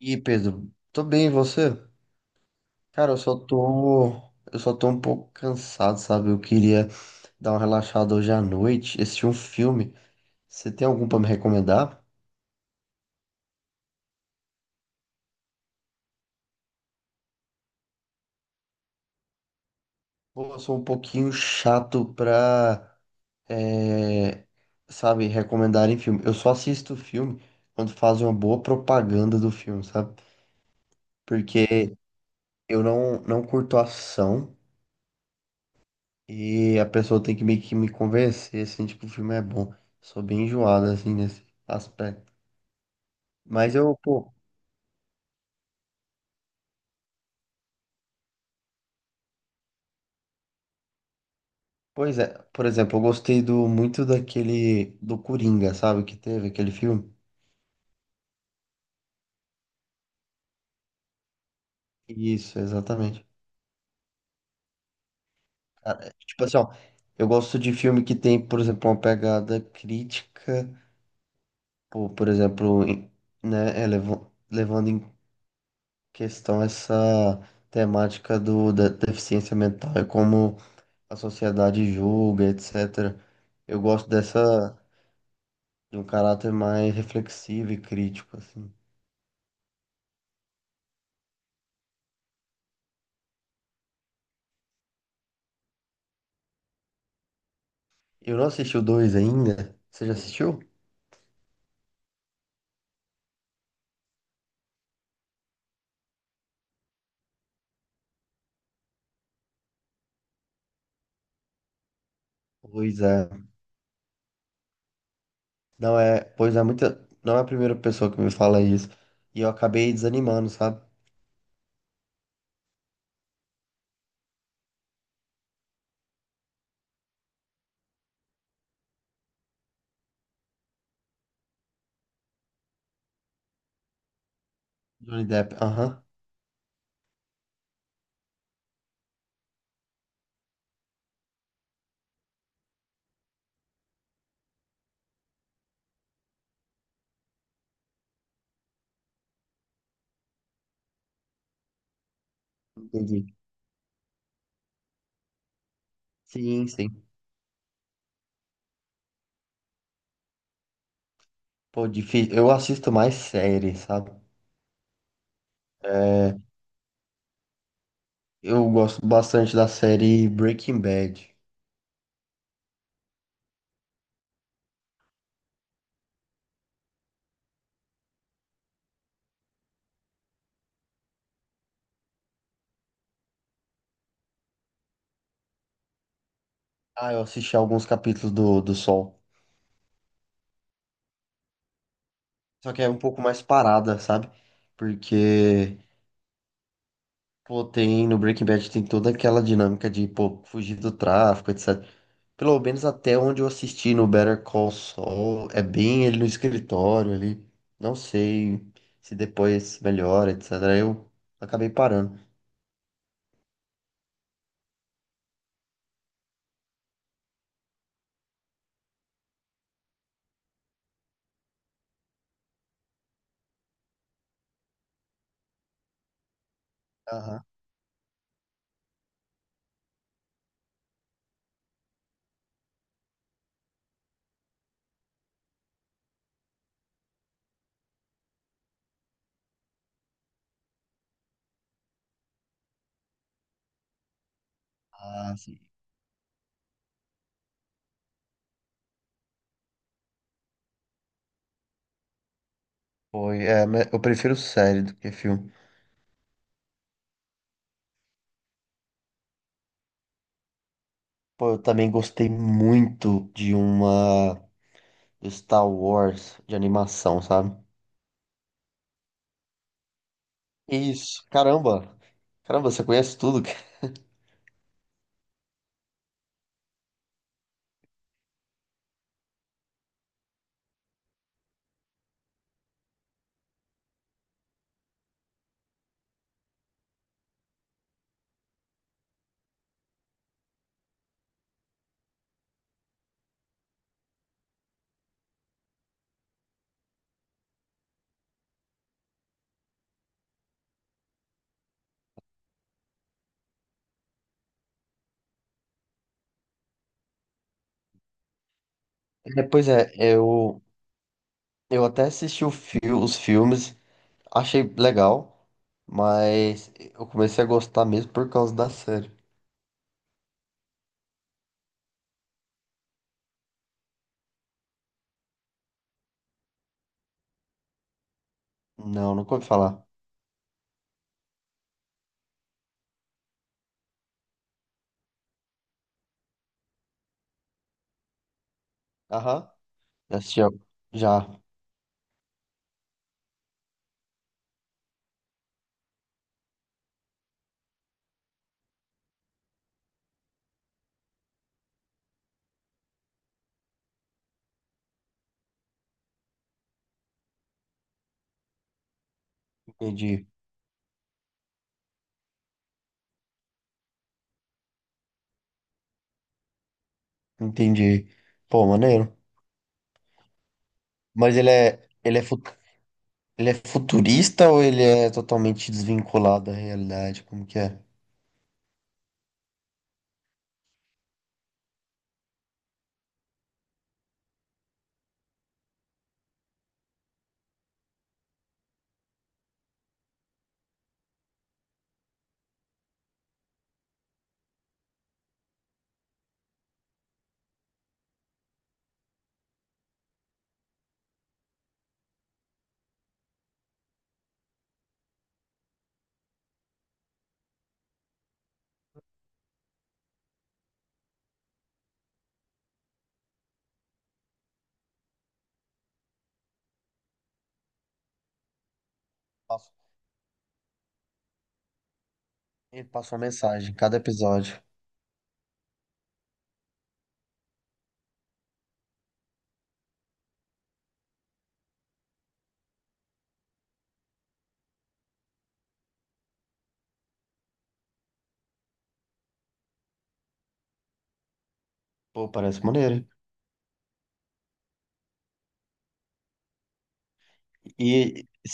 E Pedro, tô bem, e você? Cara, eu só tô um pouco cansado, sabe? Eu queria dar uma relaxada hoje à noite, assistir um filme. Você tem algum pra me recomendar? Ou eu sou um pouquinho chato pra, é, sabe, recomendar em filme. Eu só assisto filme quando fazem uma boa propaganda do filme, sabe? Porque eu não curto ação e a pessoa tem que meio que me convencer, assim, tipo, o filme é bom. Sou bem enjoado, assim, nesse aspecto. Mas eu, pô, pois é, por exemplo, eu gostei muito daquele do Coringa, sabe, que teve aquele filme. Isso, exatamente. Cara, tipo assim, ó, eu gosto de filme que tem, por exemplo, uma pegada crítica, por exemplo, né, levando em questão essa temática da deficiência mental e como a sociedade julga, etc. Eu gosto dessa, de um caráter mais reflexivo e crítico, assim. Eu não assisti o 2 ainda. Você já assistiu? Pois é. Não é, pois é muita, não é a primeira pessoa que me fala isso. E eu acabei desanimando, sabe? Johnny Depp. Aham. Entendi. Sim, sim. Pô, difícil. Eu assisto mais série, sabe? É, eu gosto bastante da série Breaking Bad. Ah, eu assisti alguns capítulos do Sol. Só que é um pouco mais parada, sabe? Porque, pô, tem no Breaking Bad tem toda aquela dinâmica de, pô, fugir do tráfico, etc. Pelo menos até onde eu assisti no Better Call Saul, é bem ele no escritório ali. Não sei se depois melhora, etc. Eu acabei parando. Aham. Ah, sim. Foi, mas eu prefiro série do que filme. Pô, eu também gostei muito de uma do Star Wars de animação, sabe? Isso, caramba. Caramba, você conhece tudo, cara. É, pois é, eu até assisti os filmes, achei legal, mas eu comecei a gostar mesmo por causa da série. Não, nunca ouvi falar. Aham. Já assisti, já, entendi, entendi. Pô, maneiro. Mas ele é futurista ou ele é totalmente desvinculado da realidade? Como que é? Passa- Ele passa uma mensagem em cada episódio. Pô, parece maneiro, hein? E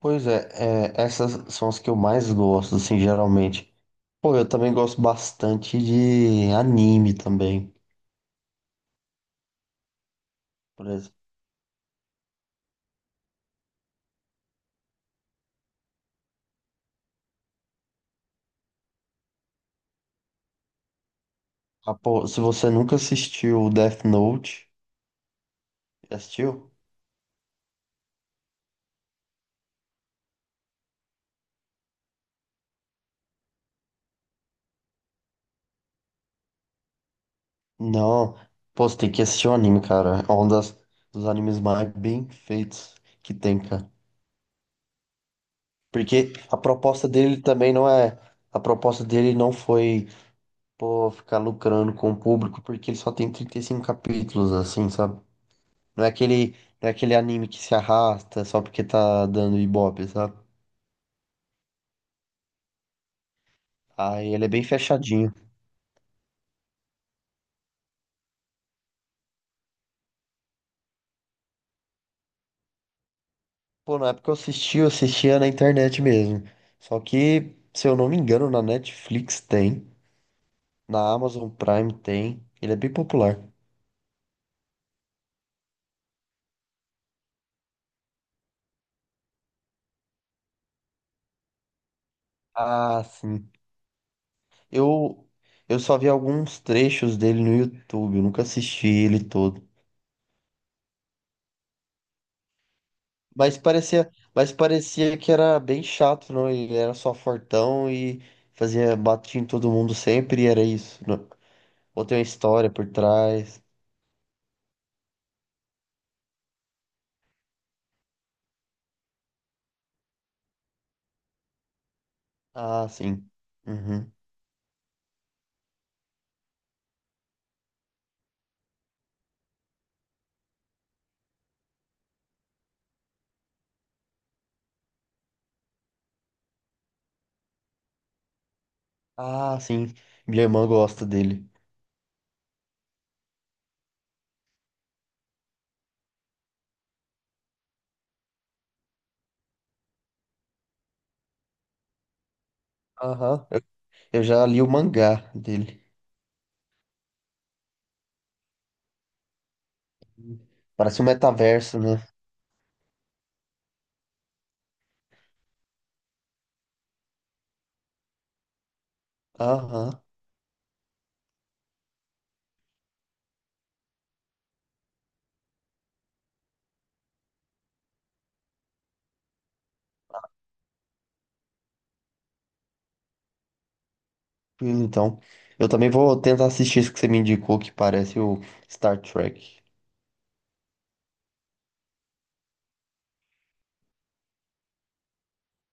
pois é, essas são as que eu mais gosto, assim, geralmente. Pô, eu também gosto bastante de anime também, por exemplo. Ah, pô, se você nunca assistiu Death Note, já assistiu? Não. Pô, você tem que assistir o anime, cara. É um dos animes mais bem feitos que tem, cara. Porque a proposta dele também não é. A proposta dele não foi, pô, ficar lucrando com o público, porque ele só tem 35 capítulos, assim, sabe? Não é aquele, não é aquele anime que se arrasta só porque tá dando ibope, sabe? Aí ele é bem fechadinho. Pô, na época que eu assisti, eu assistia na internet mesmo. Só que, se eu não me engano, na Netflix tem, na Amazon Prime tem. Ele é bem popular. Ah, sim. Eu, eu só vi alguns trechos dele no YouTube, eu nunca assisti ele todo. Mas parecia, mas parecia que era bem chato, não? Ele era só fortão e fazia batia em todo mundo sempre e era isso, né? Ou tem uma história por trás. Ah, sim. Uhum. Ah, sim. Minha irmã gosta dele. Aham. Eu já li o mangá dele. Parece um metaverso, né? Aham. Então, eu também vou tentar assistir isso que você me indicou, que parece o Star Trek.